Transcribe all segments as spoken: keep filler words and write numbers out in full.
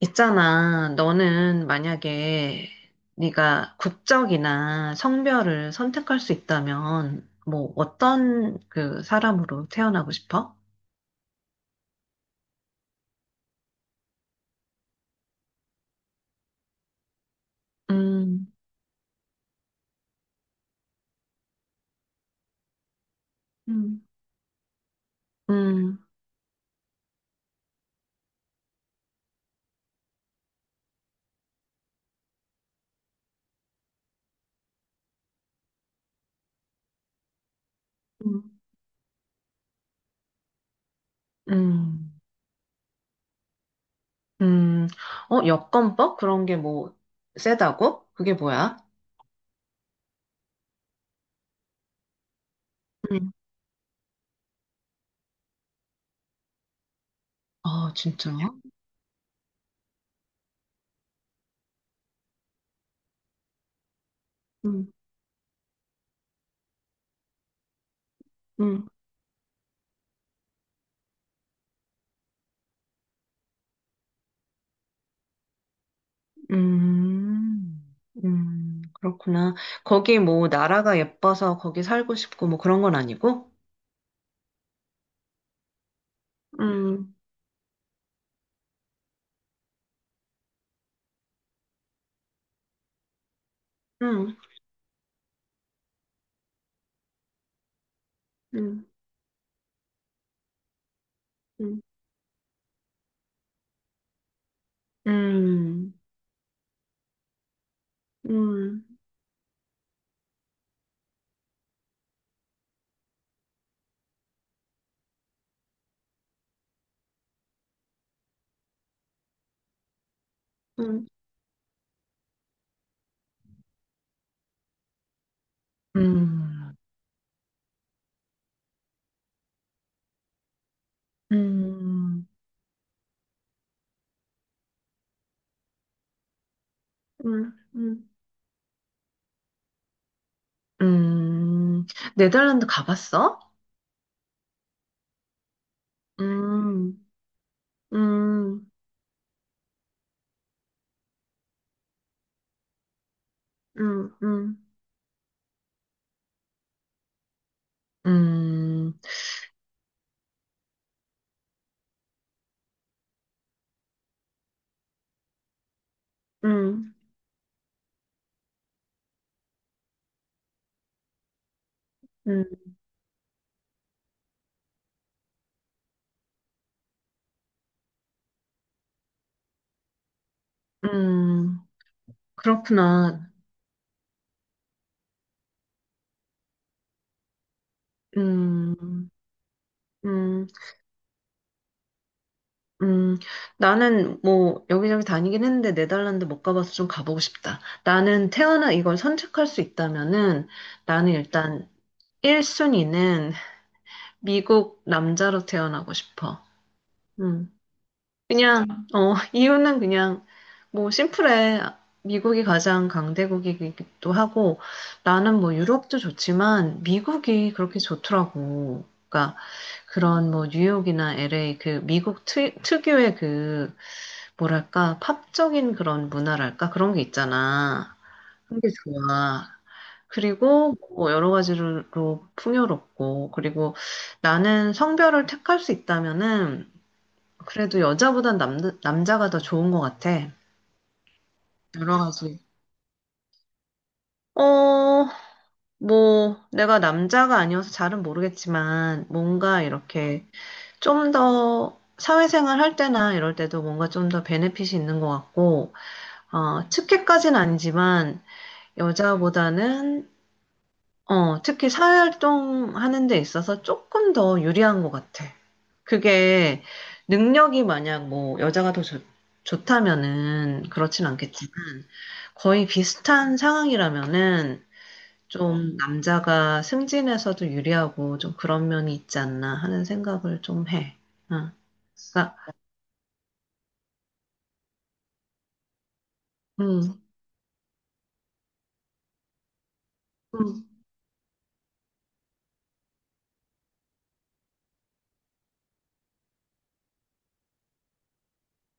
있잖아. 너는 만약에 네가 국적이나 성별을 선택할 수 있다면 뭐 어떤 그 사람으로 태어나고 싶어? 음, 음, 음, 음. 음, 음. 어, 여권법? 그런 게 뭐 세다고? 그게 뭐야? 음, 아, 진짜? 음, 음. 음, 음, 그렇구나. 거기 뭐 나라가 예뻐서 거기 살고 싶고 뭐 그런 건 아니고? 음. 응, 응, 응, 음, 음, 음, 음, 음, 음, 음. 음. 네덜란드 가봤어? 음, 음, 음, 음, 음, 음, 음, 음, 그렇구나. 음, 음, 음. 나는 뭐 여기저기 다니긴 했는데 네덜란드 못 가봐서 좀 가보고 싶다. 나는 태어나 이걸 선택할 수 있다면은 나는 음, 일단 일 순위는 미국 남자로 태어나고 싶어. 음. 그냥, 어, 이유는 그냥, 뭐, 심플해. 미국이 가장 강대국이기도 하고, 나는 뭐, 유럽도 좋지만, 미국이 그렇게 좋더라고. 그러니까, 그런 뭐, 뉴욕이나 엘에이, 그, 미국 특, 특유의 그, 뭐랄까, 팝적인 그런 문화랄까? 그런 게 있잖아. 그런 게 좋아. 그리고 뭐 여러 가지로 풍요롭고, 그리고 나는 성별을 택할 수 있다면은, 그래도 여자보단 남, 남자가 더 좋은 것 같아. 여러 가지. 어, 뭐, 내가 남자가 아니어서 잘은 모르겠지만, 뭔가 이렇게 좀 더 사회생활 할 때나 이럴 때도 뭔가 좀 더 베네핏이 있는 것 같고, 어, 특혜까지는 아니지만, 여자보다는 어, 특히 사회활동하는 데 있어서 조금 더 유리한 것 같아. 그게 능력이 만약 뭐 여자가 더 좋, 좋다면은 그렇진 않겠지만 거의 비슷한 상황이라면은 좀 남자가 승진에서도 유리하고 좀 그런 면이 있지 않나 하는 생각을 좀 해. 응. 그러니까, 음, 음,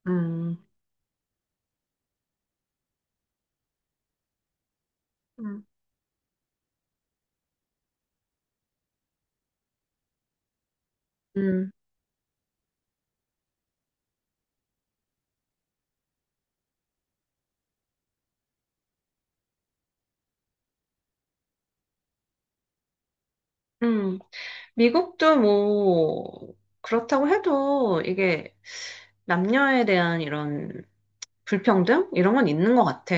음, 음, 음, 음. 미국도 뭐, 그렇다고 해도 이게 남녀에 대한 이런 불평등? 이런 건 있는 것 같아.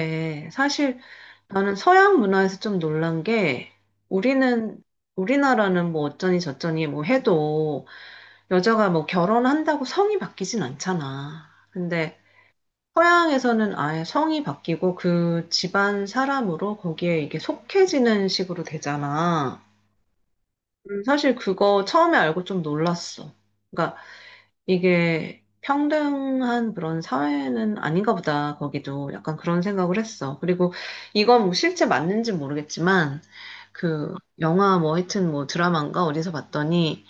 사실 나는 서양 문화에서 좀 놀란 게 우리는, 우리나라는 뭐 어쩌니 저쩌니 뭐 해도 여자가 뭐 결혼한다고 성이 바뀌진 않잖아. 근데 서양에서는 아예 성이 바뀌고 그 집안 사람으로 거기에 이게 속해지는 식으로 되잖아. 음, 사실 그거 처음에 알고 좀 놀랐어. 그러니까 이게 평등한 그런 사회는 아닌가 보다. 거기도 약간 그런 생각을 했어. 그리고 이건 뭐 실제 맞는지 모르겠지만 그 영화 뭐 하여튼 뭐 드라마인가 어디서 봤더니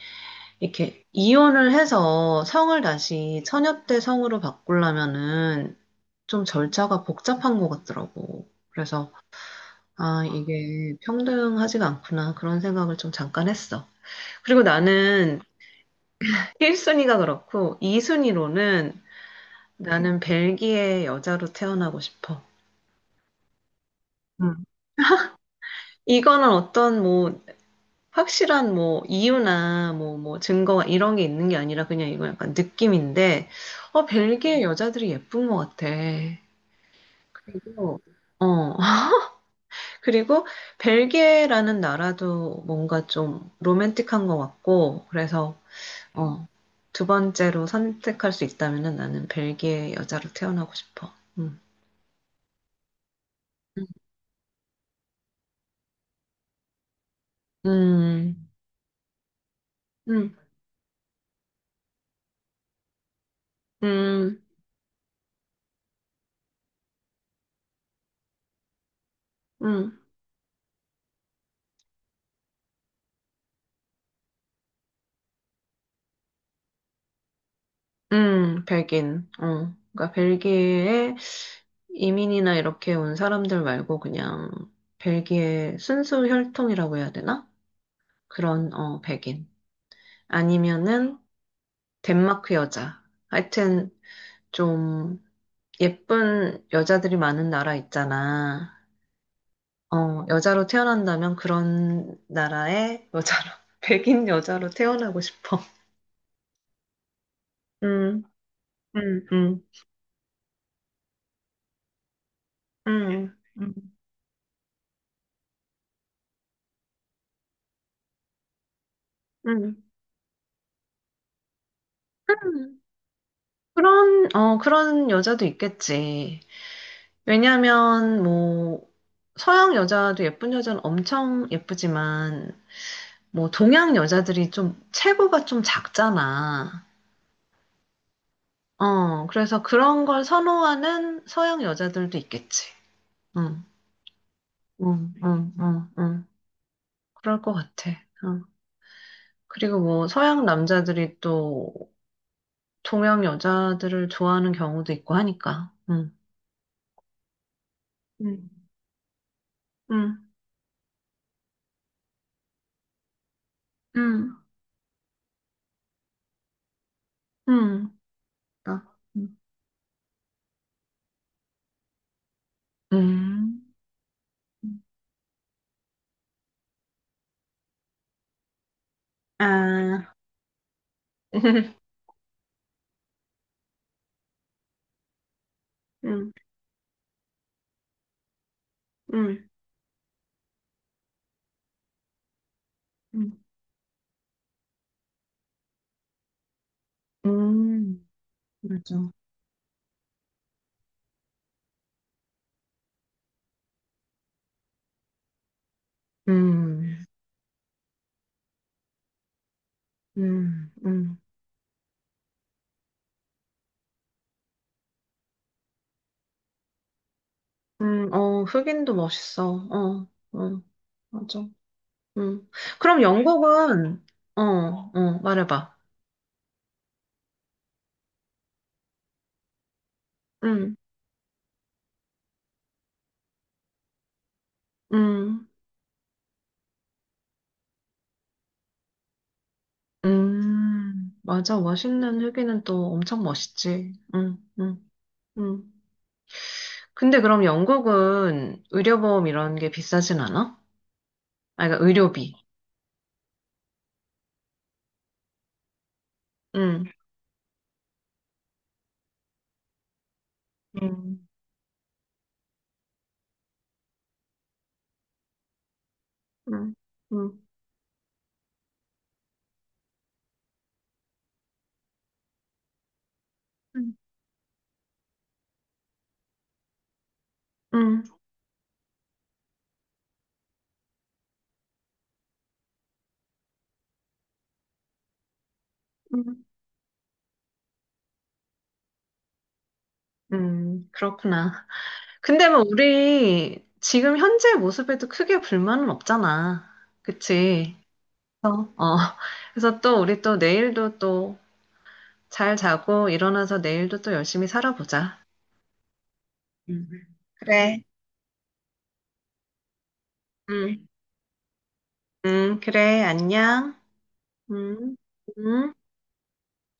이렇게 이혼을 해서 성을 다시 처녀 때 성으로 바꾸려면은 좀 절차가 복잡한 것 같더라고. 그래서 아, 이게 평등하지가 않구나. 그런 생각을 좀 잠깐 했어. 그리고 나는 일 순위가 그렇고 이 순위로는 나는 벨기에 여자로 태어나고 싶어. 음. 이거는 어떤 뭐 확실한 뭐 이유나 뭐 뭐 증거 이런 게 있는 게 아니라 그냥 이건 약간 느낌인데 어 벨기에 여자들이 예쁜 것 같아. 그리고 어 그리고 벨기에라는 나라도 뭔가 좀 로맨틱한 것 같고 그래서 어 두 번째로 선택할 수 있다면은 나는 벨기에 여자로 태어나고 싶어. 음. 음, 음, 음, 음, 음, 백인. 어. 그러니까 벨기에에 이민이나 이렇게 온 사람들 말고 그냥 벨기에 순수 혈통이라고 해야 되나? 그런, 어, 백인. 아니면은 덴마크 여자. 하여튼 좀 예쁜 여자들이 많은 나라 있잖아. 어, 여자로 태어난다면 그런 나라의 여자로, 백인 여자로 태어나고 싶어. 음, 음, 음. 음, 음. 음. 그런, 어, 그런 여자도 있겠지. 왜냐면, 뭐, 서양 여자도 예쁜 여자는 엄청 예쁘지만, 뭐, 동양 여자들이 좀, 체구가 좀 작잖아. 어, 그래서 그런 걸 선호하는 서양 여자들도 있겠지. 응, 응, 응, 응, 응. 그럴 것 같아. 응. 그리고 뭐, 서양 남자들이 또, 동양 여자들을 좋아하는 경우도 있고 하니까. 응, 응, 응. 응, 응, 어, 응, 음. 아, 응, 응, 응. 음, 맞아. 음, 음, 음, 음, 어, 흑인도 멋있어. 어, 어, 맞아. 음. 그럼 영국은, 어, 어, 말해봐. 응, 응. 음, 맞아. 멋있는 흑인은 또 엄청 멋있지. 음, 음, 음. 근데 그럼 영국은 의료보험 이런 게 비싸진 않아? 아, 그러니까 의료비. 응, 음, 응, 응, 응, 응, 응, 응. 응. 그렇구나. 근데 뭐 우리 지금 현재 모습에도 크게 불만은 없잖아. 그치? 어, 어, 그래서 또 우리 또 내일도 또 잘 자고 일어나서 내일도 또 열심히 살아보자. 음. 그래. 응, 응, 그래, 안녕. 응, 응.